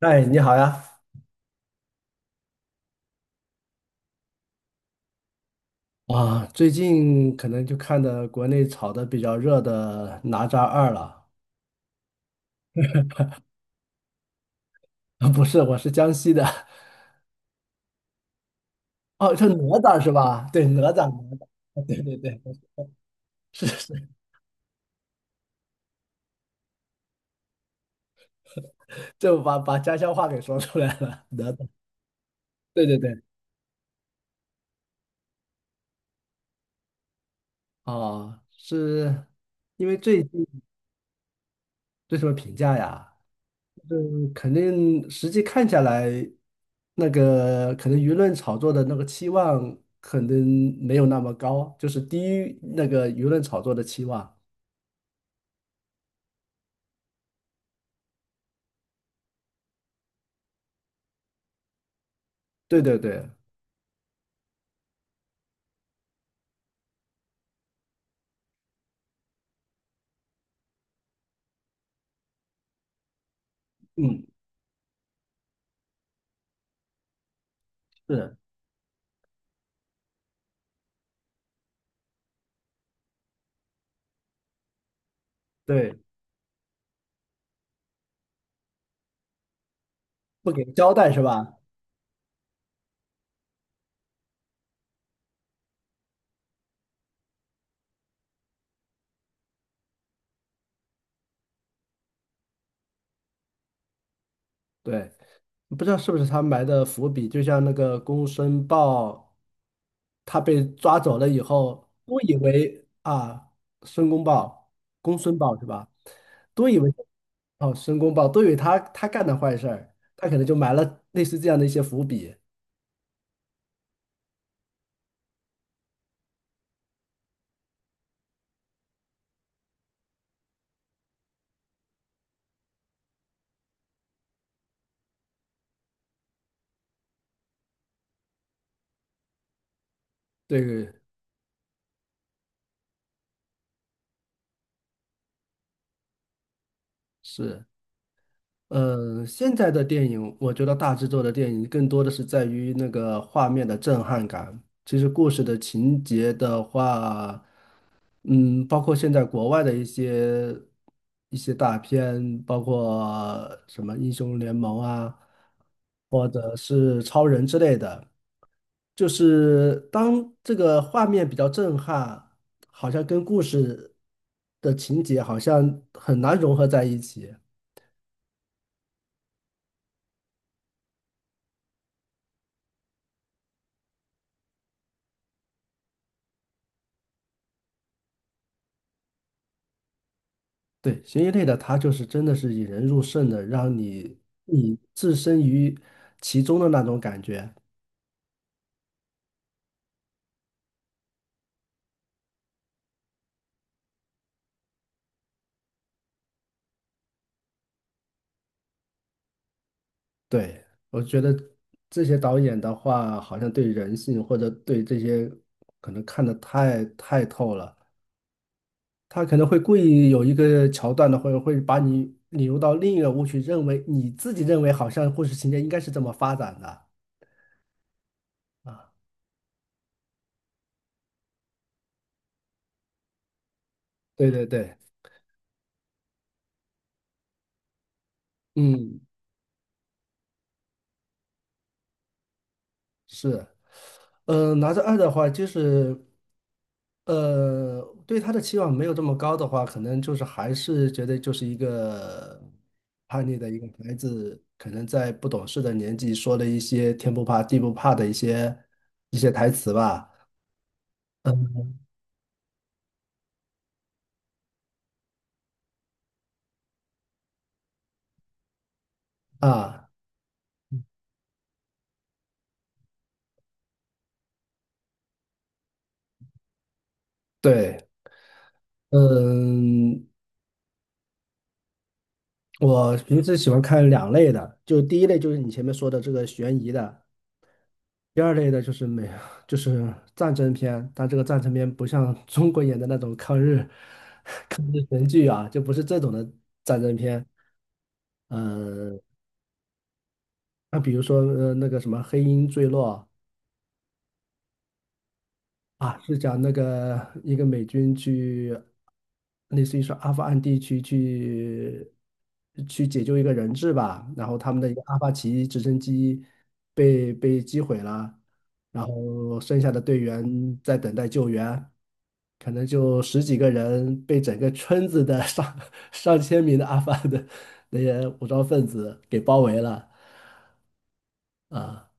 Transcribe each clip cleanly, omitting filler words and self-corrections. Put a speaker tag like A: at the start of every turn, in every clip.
A: 哎，你好呀！最近可能就看的国内炒的比较热的《哪吒二》了。啊不是，我是江西的。哦，是哪吒是吧？对，哪吒，哪吒。啊对对对，是是，就把家乡话给说出来了。哪吒，对对对。哦，是因为最近对什么评价呀？肯定实际看下来，那个可能舆论炒作的那个期望可能没有那么高，就是低于那个舆论炒作的期望。对对对，嗯，是，对，不给交代是吧？对，不知道是不是他埋的伏笔，就像那个《公孙豹》，他被抓走了以后，都以为啊，申公豹、公孙豹是吧？都以为。哦，申公豹都以为他干的坏事儿，他可能就埋了类似这样的一些伏笔。对，是，嗯，现在的电影，我觉得大制作的电影更多的是在于那个画面的震撼感。其实故事的情节的话，嗯，包括现在国外的一些大片，包括什么英雄联盟啊，或者是超人之类的，就是当这个画面比较震撼，好像跟故事的情节好像很难融合在一起。对，悬疑类的，它就是真的是引人入胜的，让你置身于其中的那种感觉。对，我觉得这些导演的话，好像对人性或者对这些可能看得太透了。他可能会故意有一个桥段的，或者会把你引入到另一个误区，认为你自己认为好像故事情节应该是这么发展的啊。对对对，嗯，是。拿着二的话，就是对他的期望没有这么高的话，可能就是还是觉得就是一个叛逆的一个孩子，可能在不懂事的年纪说了一些天不怕地不怕的一些台词吧。嗯啊，对，嗯，我平时喜欢看两类的，就第一类就是你前面说的这个悬疑的，第二类的就是美，就是战争片，但这个战争片不像 中国演的那种抗日神剧啊，就不是这种的战争片。嗯、那比如说那个什么《黑鹰坠落》啊，是讲那个一个美军去，类似于说阿富汗地区去去解救一个人质吧，然后他们的一个阿帕奇直升机被击毁了，然后剩下的队员在等待救援。可能就十几个人被整个村子的上 上千名的阿富汗的那些武装分子给包围了啊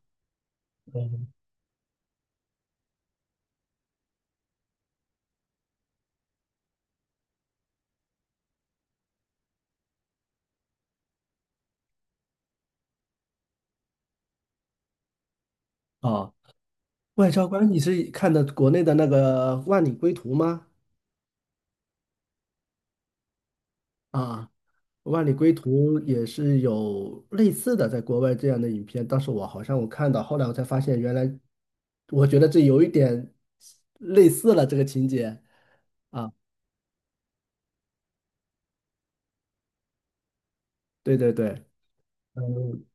A: 哦，外交官，你是看的国内的那个《万里归途》吗？啊，《万里归途》也是有类似的，在国外这样的影片，当时我好像看到，后来我才发现，原来我觉得这有一点类似了这个情节啊，对对对。嗯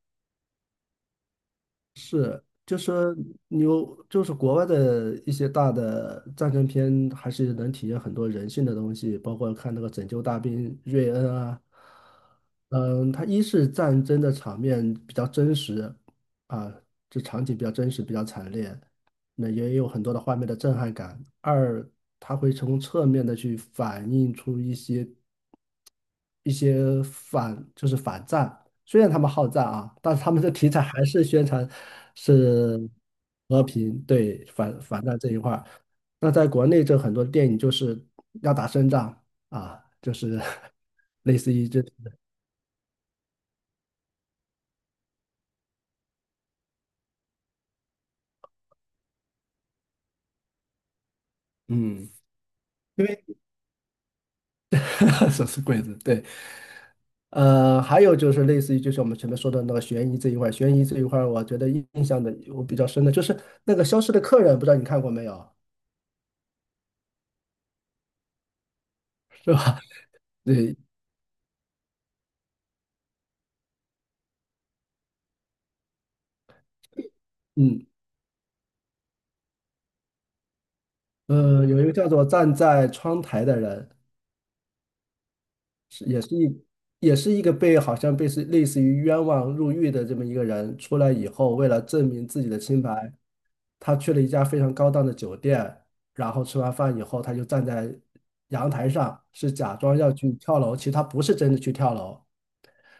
A: 就是你有，就是国外的一些大的战争片，还是能体现很多人性的东西，包括看那个《拯救大兵瑞恩》啊，嗯，它一是战争的场面比较真实啊，这场景比较真实，比较惨烈，那也有很多的画面的震撼感。二，它会从侧面的去反映出一些反就是反战，虽然他们好战啊，但是他们的题材还是宣传是和平，对反反战这一块儿。那在国内，这很多电影就是要打胜仗啊，就是 类似于这，嗯，因为 手是鬼子？对，还有就是类似于就是我们前面说的那个悬疑这一块儿，悬疑这一块儿，我觉得印象我比较深的就是那个《消失的客人》，不知道你看过没有，是吧？对，嗯，有一个叫做站在窗台的人，是也是一也是一个被好像被是类似于冤枉入狱的这么一个人，出来以后，为了证明自己的清白，他去了一家非常高档的酒店，然后吃完饭以后，他就站在阳台上，是假装要去跳楼，其实他不是真的去跳楼，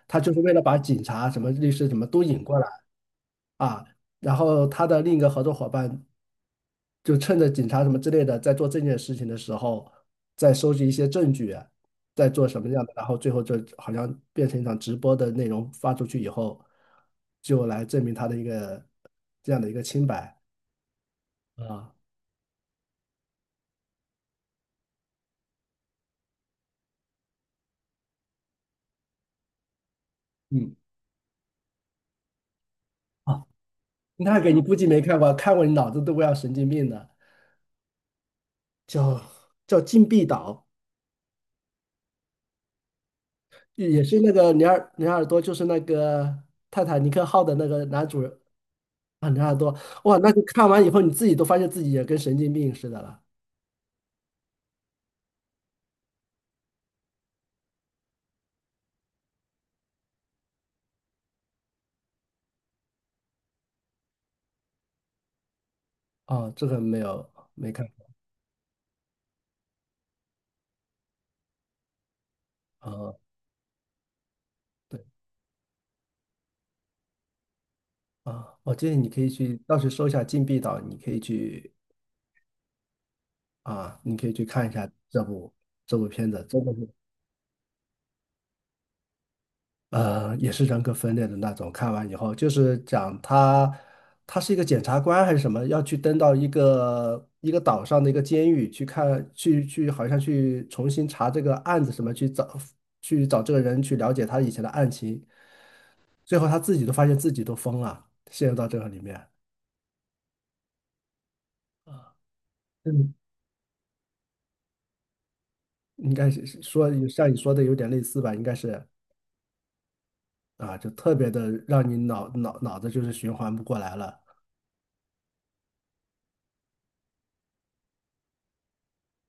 A: 他就是为了把警察、什么律师什么都引过来啊。然后他的另一个合作伙伴就趁着警察什么之类的在做这件事情的时候，在收集一些证据啊，在做什么样的，然后最后就好像变成一场直播的内容发出去以后，就来证明他的一个这样的一个清白啊，嗯，啊，那个你估计没看过，看过你脑子都快要神经病的，叫叫禁闭岛，也是那个尼尔多，就是那个泰坦尼克号的那个男主人啊，尼尔多，哇，那个看完以后你自己都发现自己也跟神经病似的了。哦，这个没看过啊，哦对啊，我建议你可以去，到时搜一下《禁闭岛》，你可以去啊，你可以去看一下这部片子，真的是也是人格分裂的那种。看完以后，就是讲他他是一个检察官还是什么，要去登到一个岛上的一个监狱去看，去好像去重新查这个案子什么，去找这个人去了解他以前的案情，最后他自己都发现自己都疯了，陷入到这个里面。嗯。应该是是说像你说的有点类似吧，应该是啊，就特别的让你脑子就是循环不过来了。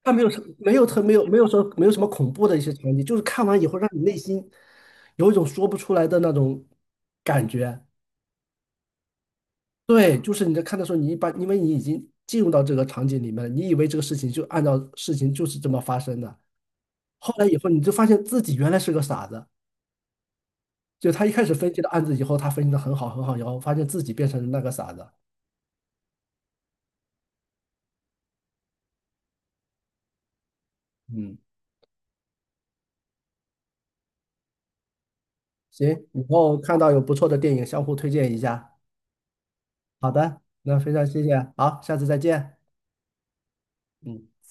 A: 他没有什没有特没有没有说没有什么恐怖的一些场景，就是看完以后让你内心有一种说不出来的那种感觉。对，就是你在看的时候，你一般因为你已经进入到这个场景里面了，你以为这个事情就按照事情就是这么发生的，后来以后你就发现自己原来是个傻子。就他一开始分析的案子以后，他分析的很好很好，然后发现自己变成了那个傻子。嗯。行，以后看到有不错的电影，相互推荐一下。好的，那非常谢谢，好，下次再见。嗯。